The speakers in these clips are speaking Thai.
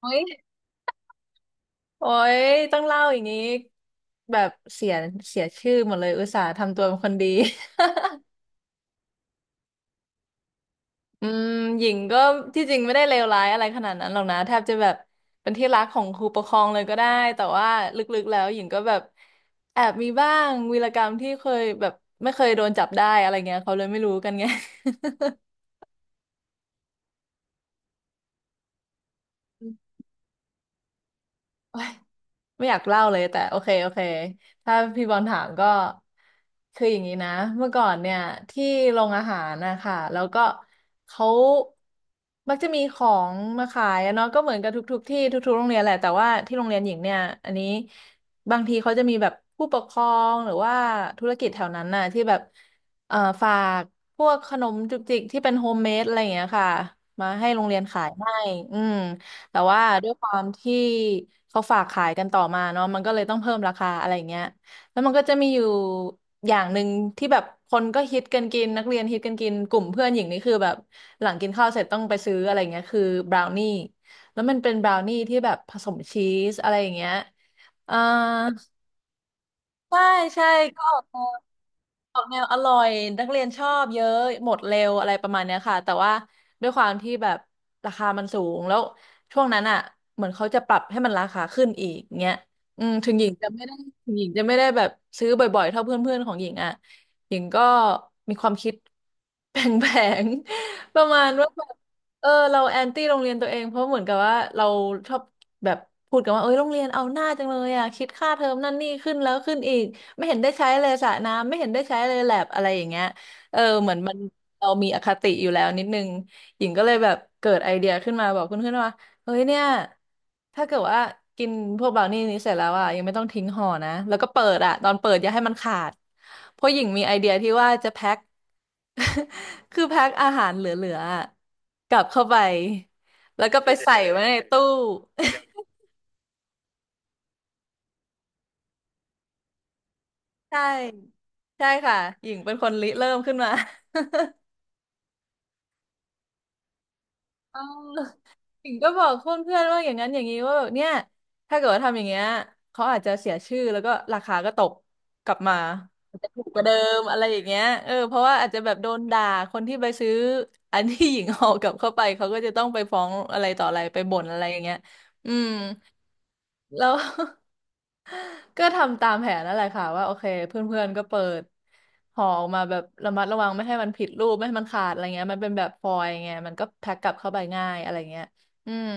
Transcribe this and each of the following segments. โอ้ยโอ้ยต้องเล่าอย่างนี้แบบเสียชื่อหมดเลย อุตส่าห์ทำตัวเป็นคนดี อืมหญิงก็ที่จริงไม่ได้เลวร้ายอะไรขนาดนั้นหรอกนะ แทบจะแบบเป็นที่รักของครูปกครองเลยก็ได้ แต่ว่าลึกๆแล้วหญิงก็แบบแอบมีบ้างวีรกรรมที่เคยแบบไม่เคยโดนจับได้อะไรเงี้ยเขาเลยไม่รู้กันไง โอ๊ย ไม่อยากเล่าเลยแต่โอเคถ้าพี่บอลถามก็คืออย่างนี้นะเมื่อก่อนเนี่ยที่โรงอาหารนะคะแล้วก็เขามักจะมีของมาขายอะเนาะก็เหมือนกับทุกๆที่ทุกๆโรงเรียนแหละแต่ว่าที่โรงเรียนหญิงเนี่ยอันนี้บางทีเขาจะมีแบบผู้ปกครองหรือว่าธุรกิจแถวนั้นน่ะที่แบบเอ่อฝากพวกขนมจุกจิกที่เป็นโฮมเมดอะไรอย่างเงี้ยค่ะมาให้โรงเรียนขายให้อืม แต่ว่าด้วยความที่เขาฝากขายกันต่อมาเนาะมันก็เลยต้องเพิ่มราคาอะไรอย่างเงี้ยแล้วมันก็จะมีอยู่อย่างหนึ่งที่แบบคนก็ฮิตกันกินนักเรียนฮิตกันกินกลุ่มเพื่อนหญิงนี่คือแบบหลังกินข้าวเสร็จต้องไปซื้ออะไรเงี้ยคือบราวนี่แล้วมันเป็นบราวนี่ที่แบบผสมชีสอะไรอย่างเงี้ยอ่าใช่ใช่ก็ออกมา ออกแนวอร่อยนักเรียนชอบเยอะหมดเร็วอะไรประมาณเนี้ยค่ะแต่ว่าด้วยความที่แบบราคามันสูงแล้วช่วงนั้นอ่ะเหมือนเขาจะปรับให้มันราคาขึ้นอีกเงี้ยอืมถึงหญิงจะไม่ได้ถึงหญิงจะไม่ได้แบบซื้อบ่อยๆเท่าเพื่อนๆของหญิงอ่ะหญิงก็มีความคิดแผลงๆ ประมาณว่าแบบ เออเราแอนตี้โรงเรียนตัวเองเพราะเหมือนกับว่าเราชอบแบบพูดกันว่าเอ้ยโรงเรียนเอาหน้าจังเลยอ่ะคิดค่าเทอมนั่นนี่ขึ้นแล้วขึ้นอีกไม่เห็นได้ใช้เลยสระน้ำไม่เห็นได้ใช้เลยแลบอะไรอย่างเงี้ยเออเหมือนมันเรามีอคติอยู่แล้วนิดนึงหญิงก็เลยแบบเกิดไอเดียขึ้นมาบอกเพื่อนๆว่า เฮ้ยเนี่ย ถ้าเกิดว่ากินพวกบราวนี่นี้เสร็จแล้วอ่ะยังไม่ต้องทิ้งห่อนะแล้วก็เปิดอ่ะตอนเปิดอย่าให้มันขาดเพราะหญิงมีไอเดียที่ว่าจะแพ็ค คือแพ็คอาหารเหลือๆอะกลับเข้าไปแล้วก็ไปใส่ไว้ในตู้ ใช่ใช่ค่ะหญิงเป็นคนริเริ่มขึ้นมา เออ ถึงก็บอกเพื่อนๆว่าอย่างนั้นอย่างนี้ว่าแบบเนี่ยถ้าเกิดว่าทำอย่างเงี้ยเขาอาจจะเสียชื่อแล้วก็ราคาก็ตกกลับมาอาจจะถูกกว่าเดิมอะไรอย่างเงี้ยเออเพราะว่าอาจจะแบบโดนด่าคนที่ไปซื้ออันที่หญิงออกกลับเข้าไปเขาก็จะต้องไปฟ้องอะไรต่ออะไรไปบ่นอะไรอย่างเงี้ยอืมแล้ว ก็ทำตามแผนนั่นแหละค่ะว่าโอเคเพื่อนๆก็เปิดห่อออกมาแบบระมัดระวังไม่ให้มันผิดรูปไม่ให้มันขาดอะไรเงี้ยมันเป็นแบบฟอยล์ไงมันก็แพ็คกลับเข้าไปง่ายอะไรเงี้ยอืม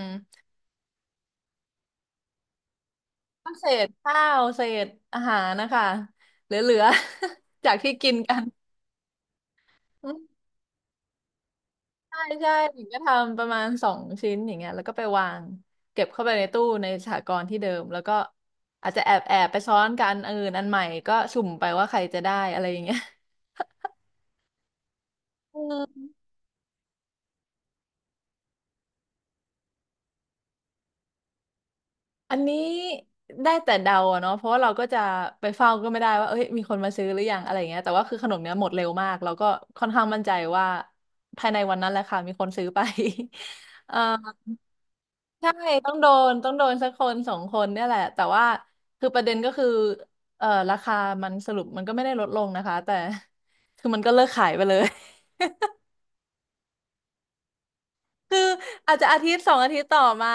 เศษข้าวเศษอาหารนะคะเหลือๆ จากที่กินกันอืมใช่ใช่หญิงก็ทำประมาณ2 ชิ้นอย่างเงี้ยแล้วก็ไปวางเก็บเข้าไปในตู้ในสหกรณ์ที่เดิมแล้วก็อาจจะแอบแอบไปซ้อนกันอันอื่นอันใหม่ก็สุ่มไปว่าใครจะได้อะไรอย่างเงี้ย อืมอันนี้ได้แต่เดาอะเนาะเพราะว่าเราก็จะไปเฝ้าก็ไม่ได้ว่าเอ้ยมีคนมาซื้อหรือยังอะไรอย่างเงี้ยแต่ว่าคือขนมเนี้ยหมดเร็วมากเราก็ค่อนข้างมั่นใจว่าภายในวันนั้นแหละค่ะมีคนซื้อไป เออ ใช่ต้องโดนสักคนสองคนเนี่ยแหละแต่ว่าคือประเด็นก็คือราคามันสรุปมันก็ไม่ได้ลดลงนะคะแต่ คือมันก็เลิกขายไปเลย คืออาจจะอาทิตย์สองอาทิตย์ต่อมา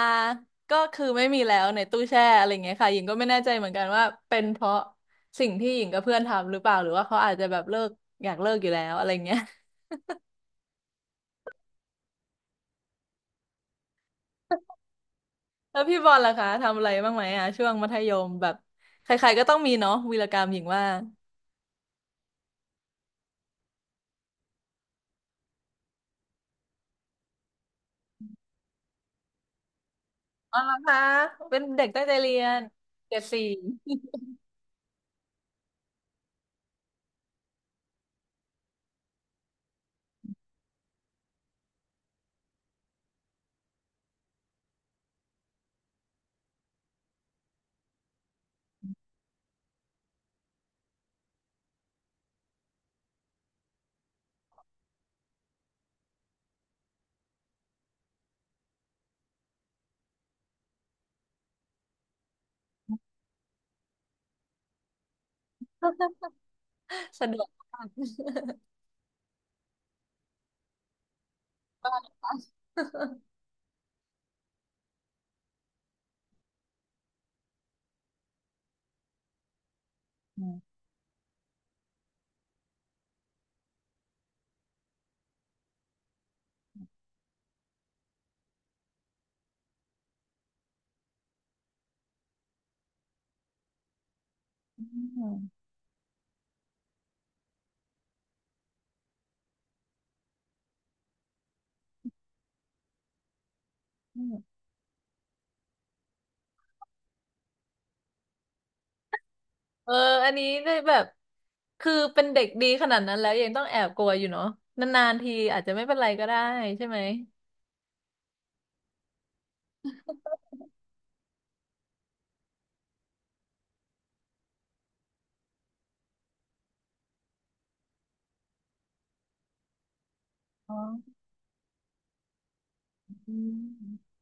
ก็คือไม่มีแล้วในตู้แช่อะไรเงี้ยค่ะหญิงก็ไม่แน่ใจเหมือนกันว่าเป็นเพราะสิ่งที่หญิงกับเพื่อนทำหรือเปล่าหรือว่าเขาอาจจะแบบเลิกอยากเลิกอยู่แล้วอะไรเงี้ย แล้วพี่บอลล่ะคะทำอะไรบ้างไหมอ่ะช่วงมัธยมแบบใครๆก็ต้องมีเนาะวีรกรรมหญิงว่า อ๋อเหรอคะเป็นเด็กตั้งใจเรียนเกรด 4 สะดวกมาก อืมอืมเอออันนี้ได้แบบ คือเป็นเด็กดีขนาดนั้นแล้วยังต้องแอบกลัวอยู่เนาะนานๆทีอาจจะไม่เป็นไรก็ได้ใช่ไหมอ๋ออืม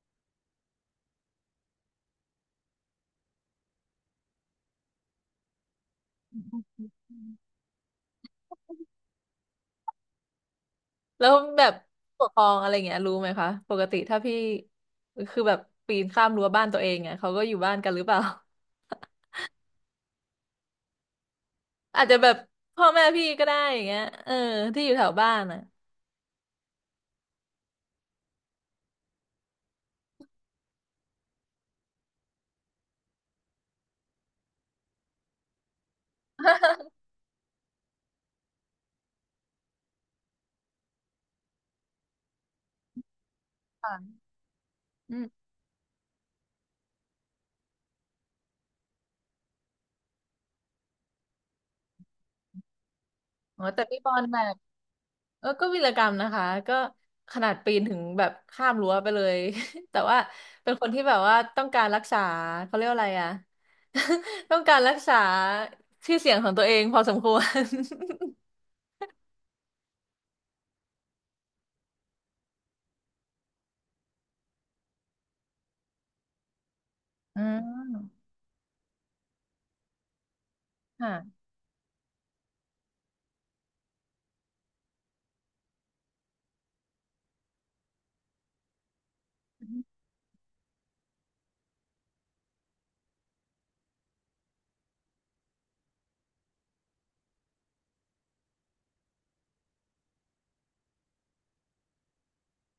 แล้วแบบผู้ปกครองอะไรเงี้ยรู้ไหมคะ ปกติถ้าพี่ คือแบบปีนข้ามรั้วบ้านตัวเองเนี่ยเขาก็อยู่บ้านกันหรือเปล่า อาจจะแบบพ่อแม่พี่ก็ได้อย่างเงี้ยเออที่อยู่แถวบ้านอ่ะ อ๋อแต่พี่บอลแบบเออก็วีรกรรมนะคะ ก็ขนาดปีนถึงแบบข้ามรั้วไปเลย แต่ว่าเป็นคนที่แบบว่าต้องการรักษาเขาเรียกว่าอะไรอะ ต้องการรักษาชื่อเสียงของตัวเองพอสมควร อืมค่ะ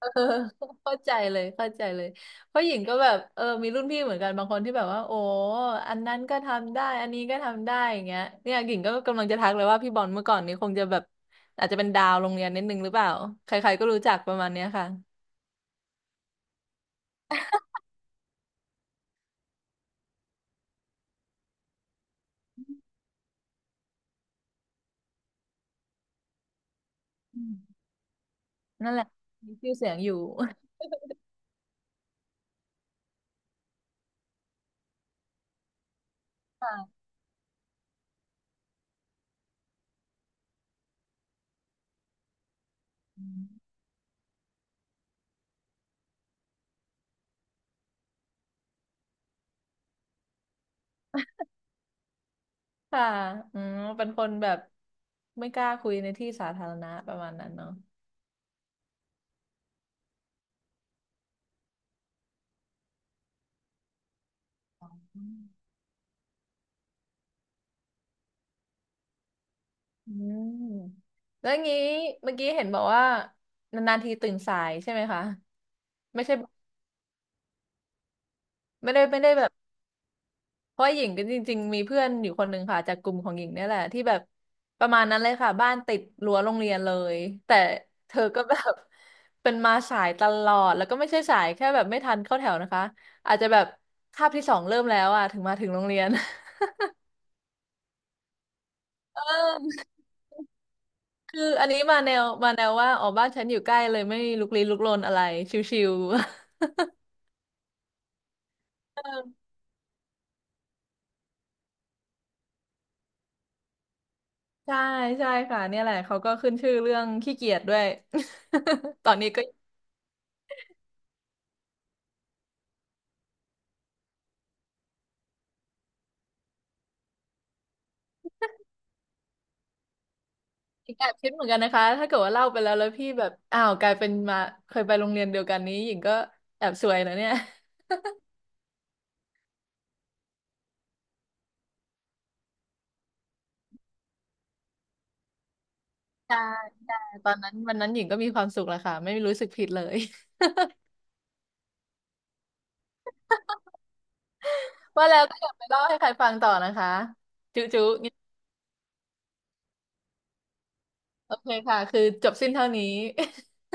เออเข้าใจเลยเข้าใจเลยเพราะหญิงก็แบบเออมีรุ่นพี่เหมือนกันบางคนที่แบบว่าโอ้อันนั้นก็ทำได้อันนี้ก็ทำได้อย่างเงี้ยเนี่ยหญิงก็กำลังจะทักเลยว่าพี่บอลเมื่อก่อนนี้คงจะแบบอาจจะเป็นดาวโรงเรียนนิดนึงหรือเปล่าใครๆก็รู้จักประมาณเนี้ยค่ะอืมนั่นแหละมีชื่อเสียงอยู่ค่ะ อืมค่ะอืมเป็นคนแบบไม่กล้าคุยในที่สาธารณะประมาณนั้นเนาะอืมอืมแล้วงี้เมื่อกี้เห็นบอกว่านานๆทีตื่นสายใช่ไหมคะ ไม่ใช่ไม่ได้แบบเพราะหญิงก็จริงๆมีเพื่อนอยู่คนหนึ่งค่ะจากกลุ่มของหญิงเนี่ยแหละที่แบบประมาณนั้นเลยค่ะบ้านติดรั้วโรงเรียนเลยแต่เธอก็แบบ เป็นมาสายตลอดแล้วก็ไม่ใช่สายแค่แบบไม่ทันเข้าแถวนะคะอาจจะแบบคาบที่สองเริ่มแล้วอ่ะถึงมาถึงโรงเรียน เออคืออันนี้มาแนวว่าอ๋อบ้านฉันอยู่ใกล้เลยไม่ลุกลี้ลุกลนอะไรชิวๆ ใช่ใช่ค่ะเนี่ยแหละเขาก็ขึ้นชื่อเรื่องขี้เกียจด้วย ตอนนี้ก็ แอบคิดเหมือนกันนะคะถ้าเกิดว่าเล่าไปแล้วแล้วพี่แบบอ้าวกลายเป็นมาเคยไปโรงเรียนเดียวกันนี้หญิงก็แอบซวยนะเนี่ยใช่ใช่ตอนนั้นวันนั้นหญิงก็มีความสุขแหละค่ะไม่รู้สึกผิดเลย ว่าแล้วก็อยากไปเล่าให้ใครฟังต่อนะคะจุ๊จุ๊โอเคค่ะคือจบสิ้นเท่านี้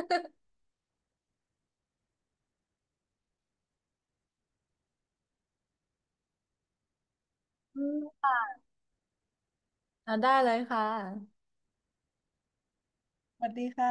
อืมอ่าได้เลยค่ะสวัสดีค่ะ